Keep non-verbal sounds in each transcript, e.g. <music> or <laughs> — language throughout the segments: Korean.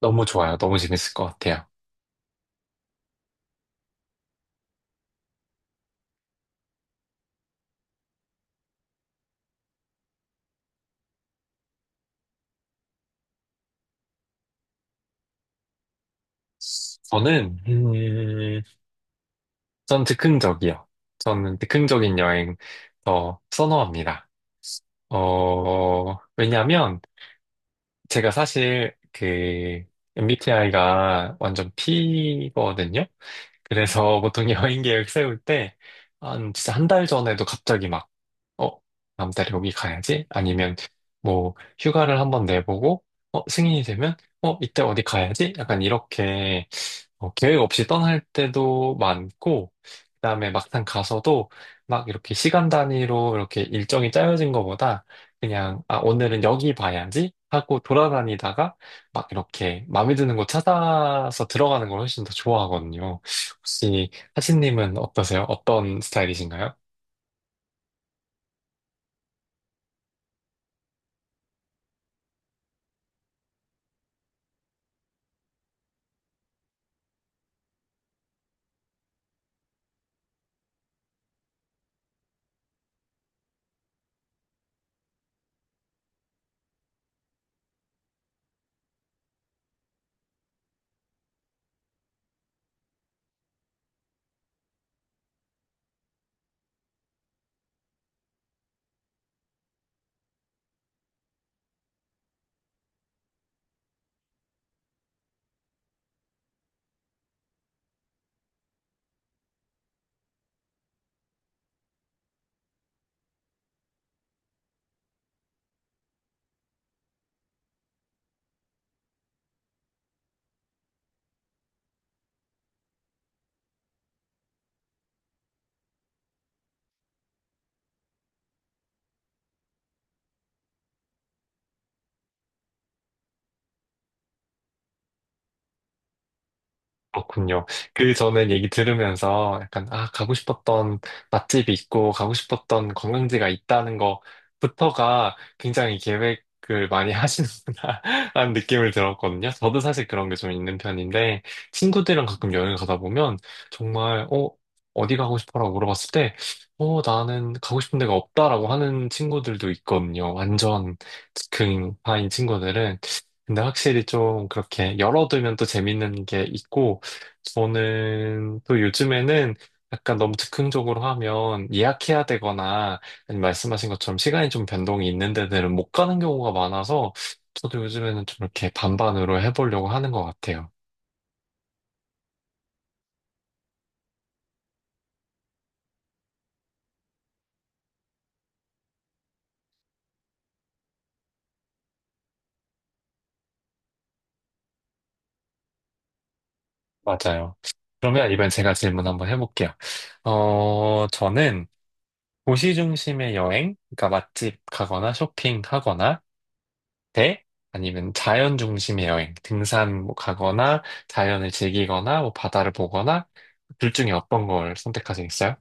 너무 좋아요. 너무 재밌을 것 같아요. 저는, 전 즉흥적이요. 저는 즉흥적인 여행 더 선호합니다. 왜냐면 제가 사실 그 MBTI가 완전 P거든요. 그래서 <laughs> 보통 여행 계획 세울 때 한 진짜 한 달 전에도 갑자기 막 어, 다음 달에 여기 가야지? 아니면 뭐 휴가를 한번 내보고 승인이 되면 이때 어디 가야지? 약간 이렇게 계획 없이 떠날 때도 많고, 그다음에 막상 가서도 막 이렇게 시간 단위로 이렇게 일정이 짜여진 것보다 그냥, 아, 오늘은 여기 봐야지 하고 돌아다니다가 막 이렇게 마음에 드는 곳 찾아서 들어가는 걸 훨씬 더 좋아하거든요. 혹시 하신님은 어떠세요? 어떤 스타일이신가요? 그렇군요. 그 저는 얘기 들으면서 약간, 아, 가고 싶었던 맛집이 있고, 가고 싶었던 관광지가 있다는 거부터가 굉장히 계획을 많이 하시는구나, <laughs> 라는 느낌을 들었거든요. 저도 사실 그런 게 좀 있는 편인데, 친구들이랑 가끔 여행 가다 보면, 정말, 어디 가고 싶어라고 물어봤을 때, 나는 가고 싶은 데가 없다라고 하는 친구들도 있거든요. 완전 즉흥파인 친구들은. 근데 확실히 좀 그렇게 열어두면 또 재밌는 게 있고, 저는 또 요즘에는 약간 너무 즉흥적으로 하면 예약해야 되거나 아니면 말씀하신 것처럼 시간이 좀 변동이 있는 데들은 못 가는 경우가 많아서 저도 요즘에는 좀 이렇게 반반으로 해보려고 하는 것 같아요. 맞아요. 그러면 이번엔 제가 질문 한번 해볼게요. 저는 도시 중심의 여행, 그러니까 맛집 가거나 쇼핑하거나 대 아니면 자연 중심의 여행, 등산 뭐 가거나 자연을 즐기거나 뭐 바다를 보거나 둘 중에 어떤 걸 선택하시겠어요?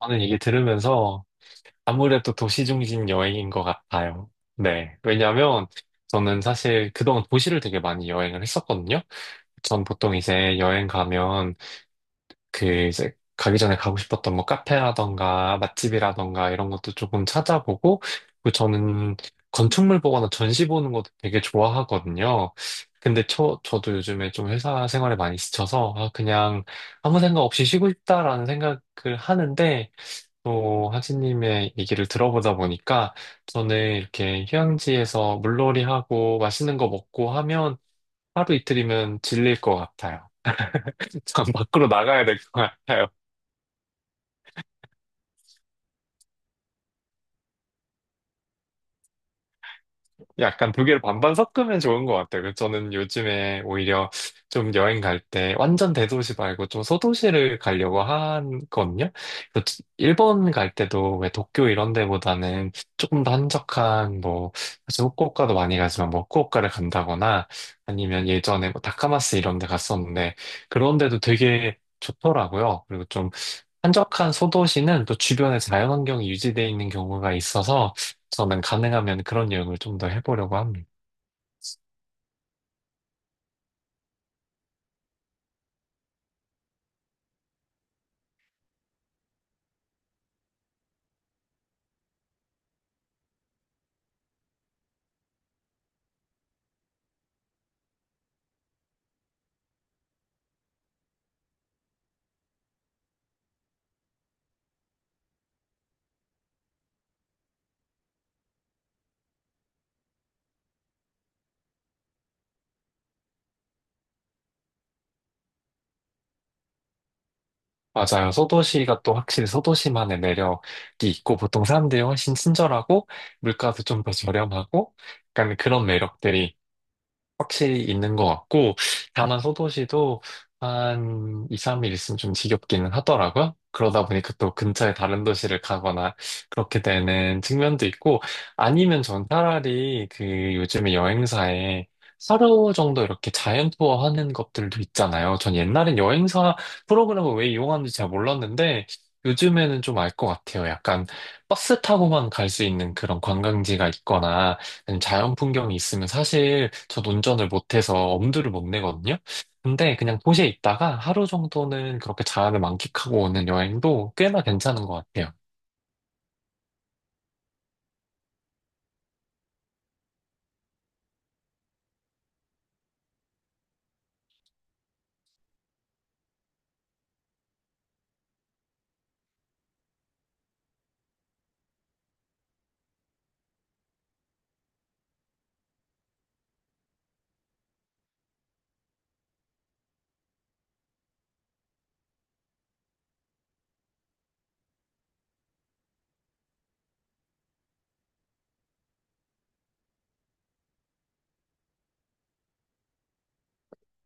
저는 이게 들으면서 아무래도 도시 중심 여행인 것 같아요. 네. 왜냐면 하 저는 사실 그동안 도시를 되게 많이 여행을 했었거든요. 전 보통 이제 여행 가면 그 이제 가기 전에 가고 싶었던 뭐 카페라던가 맛집이라던가 이런 것도 조금 찾아보고 그리고 저는 건축물 보거나 전시 보는 것도 되게 좋아하거든요. 근데 저도 요즘에 좀 회사 생활에 많이 지쳐서 아, 그냥 아무 생각 없이 쉬고 싶다라는 생각을 하는데 또 하진님의 얘기를 들어보다 보니까 저는 이렇게 휴양지에서 물놀이하고 맛있는 거 먹고 하면 하루 이틀이면 질릴 것 같아요. <laughs> 참 밖으로 나가야 될 것 같아요. 약간 두 개를 반반 섞으면 좋은 것 같아요. 그래서 저는 요즘에 오히려 좀 여행 갈 때 완전 대도시 말고 좀 소도시를 가려고 하거든요. 그래서 일본 갈 때도 왜 도쿄 이런 데보다는 조금 더 한적한 뭐 사실 후쿠오카도 많이 가지만 뭐 후쿠오카를 간다거나 아니면 예전에 뭐 다카마스 이런 데 갔었는데 그런 데도 되게 좋더라고요. 그리고 좀 한적한 소도시는 또 주변에 자연환경이 유지되어 있는 경우가 있어서 저는 가능하면 그런 여행을 좀 더 해보려고 합니다. 맞아요. 소도시가 또 확실히 소도시만의 매력이 있고, 보통 사람들이 훨씬 친절하고, 물가도 좀 더 저렴하고, 약간 그런 매력들이 확실히 있는 것 같고, 다만 소도시도 한 2, 3일 있으면 좀 지겹기는 하더라고요. 그러다 보니까 또 근처에 다른 도시를 가거나 그렇게 되는 측면도 있고, 아니면 전 차라리 그 요즘에 여행사에 하루 정도 이렇게 자연 투어 하는 것들도 있잖아요. 전 옛날엔 여행사 프로그램을 왜 이용하는지 잘 몰랐는데, 요즘에는 좀 알 것 같아요. 약간 버스 타고만 갈 수 있는 그런 관광지가 있거나, 아니면 자연 풍경이 있으면 사실 전 운전을 못해서 엄두를 못 내거든요. 근데 그냥 도시에 있다가 하루 정도는 그렇게 자연을 만끽하고 오는 여행도 꽤나 괜찮은 것 같아요.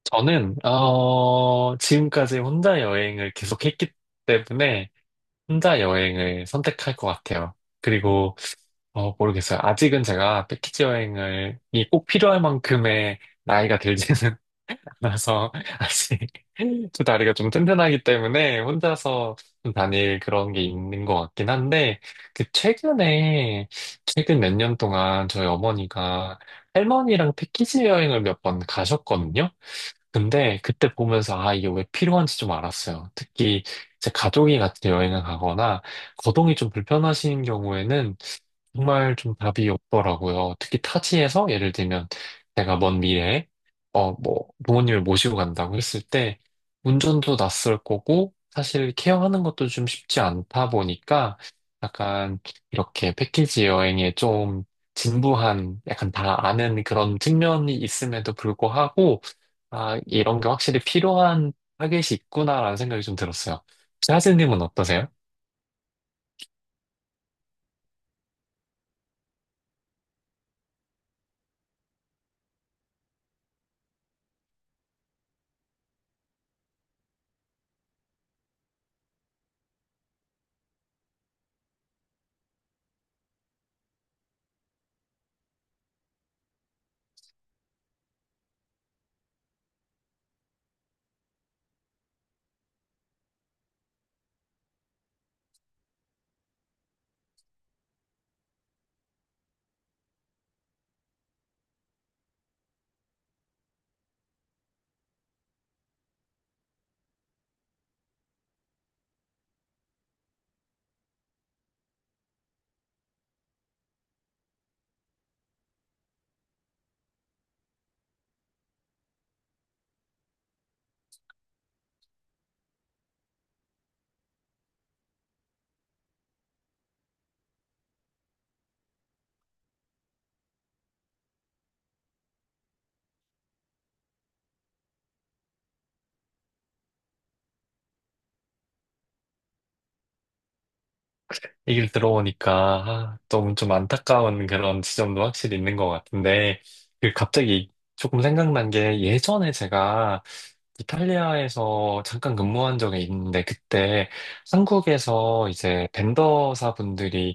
저는 지금까지 혼자 여행을 계속했기 때문에 혼자 여행을 선택할 것 같아요. 그리고 모르겠어요. 아직은 제가 패키지 여행을 이꼭 필요할 만큼의 나이가 들지는 그래서 <laughs> 아직 두 다리가 좀 튼튼하기 때문에 혼자서 좀 다닐 그런 게 있는 것 같긴 한데 그 최근 몇 년 동안 저희 어머니가 할머니랑 패키지 여행을 몇 번 가셨거든요. 근데 그때 보면서 아, 이게 왜 필요한지 좀 알았어요. 특히 이제 가족이 같이 여행을 가거나 거동이 좀 불편하신 경우에는 정말 좀 답이 없더라고요. 특히 타지에서 예를 들면 내가 먼 미래에 뭐 부모님을 모시고 간다고 했을 때 운전도 낯설 거고 사실 케어하는 것도 좀 쉽지 않다 보니까 약간 이렇게 패키지 여행에 좀 진부한 약간 다 아는 그런 측면이 있음에도 불구하고 아, 이런 게 확실히 필요한 타겟이 있구나라는 생각이 좀 들었어요. 혹시 하슬님은 어떠세요? 얘기를 들어보니까 아, 너무 좀 안타까운 그런 지점도 확실히 있는 것 같은데 그 갑자기 조금 생각난 게 예전에 제가 이탈리아에서 잠깐 근무한 적이 있는데 그때 한국에서 이제 벤더사 분들이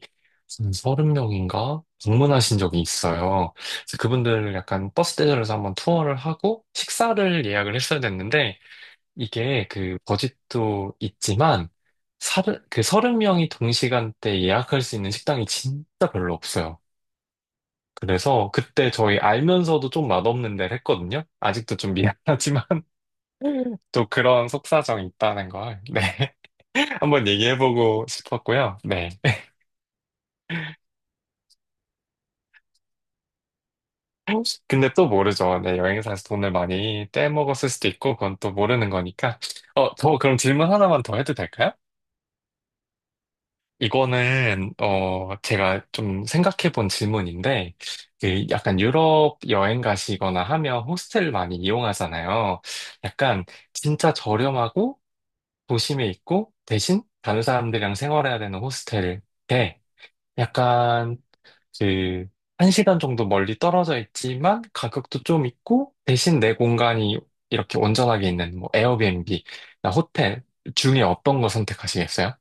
한 서른 명인가 방문하신 적이 있어요. 그래서 그분들 약간 버스 대절에서 한번 투어를 하고 식사를 예약을 했어야 됐는데 이게 그 버짓도 있지만 서른 명이 동시간대 예약할 수 있는 식당이 진짜 별로 없어요. 그래서 그때 저희 알면서도 좀 맛없는 데를 했거든요. 아직도 좀 미안하지만 <laughs> 또 그런 속사정이 있다는 걸 네. <laughs> 한번 얘기해보고 싶었고요. 네. <laughs> 근데 또 모르죠. 네, 여행사에서 돈을 많이 떼먹었을 수도 있고 그건 또 모르는 거니까. 저 그럼 질문 하나만 더 해도 될까요? 이거는 제가 좀 생각해 본 질문인데 그 약간 유럽 여행 가시거나 하면 호스텔 많이 이용하잖아요. 약간 진짜 저렴하고 도심에 있고 대신 다른 사람들이랑 생활해야 되는 호스텔 약간 그, 한 시간 정도 멀리 떨어져 있지만 가격도 좀 있고 대신 내 공간이 이렇게 온전하게 있는 뭐 에어비앤비나 호텔 중에 어떤 거 선택하시겠어요?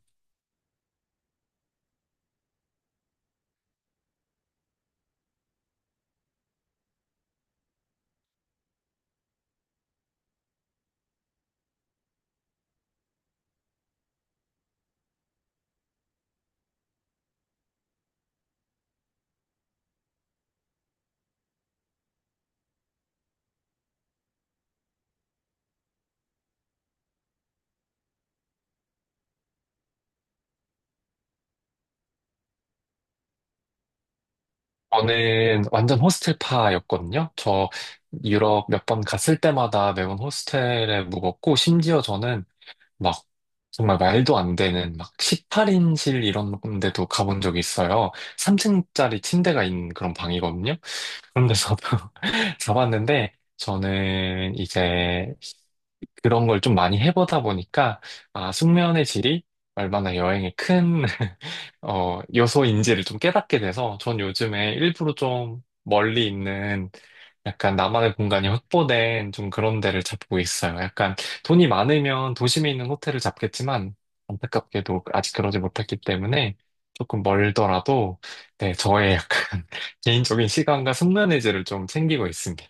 저는 완전 호스텔파였거든요. 저 유럽 몇 번 갔을 때마다 매번 호스텔에 묵었고 심지어 저는 막 정말 말도 안 되는 막 18인실 이런 데도 가본 적이 있어요. 3층짜리 침대가 있는 그런 방이거든요. 그런 데서도 <laughs> 자봤는데 저는 이제 그런 걸 좀 많이 해보다 보니까 아, 숙면의 질이 얼마나 여행에 큰 <laughs> 여소인지를 좀 깨닫게 돼서 전 요즘에 일부러 좀 멀리 있는 약간 나만의 공간이 확보된 좀 그런 데를 잡고 있어요. 약간 돈이 많으면 도심에 있는 호텔을 잡겠지만 안타깝게도 아직 그러지 못했기 때문에 조금 멀더라도 네, 저의 약간 <laughs> 개인적인 시간과 숙면의지를 좀 챙기고 있습니다.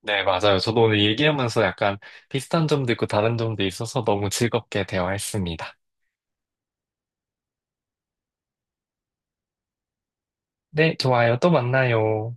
네, 맞아요. 저도 오늘 얘기하면서 약간 비슷한 점도 있고 다른 점도 있어서 너무 즐겁게 대화했습니다. 네, 좋아요. 또 만나요.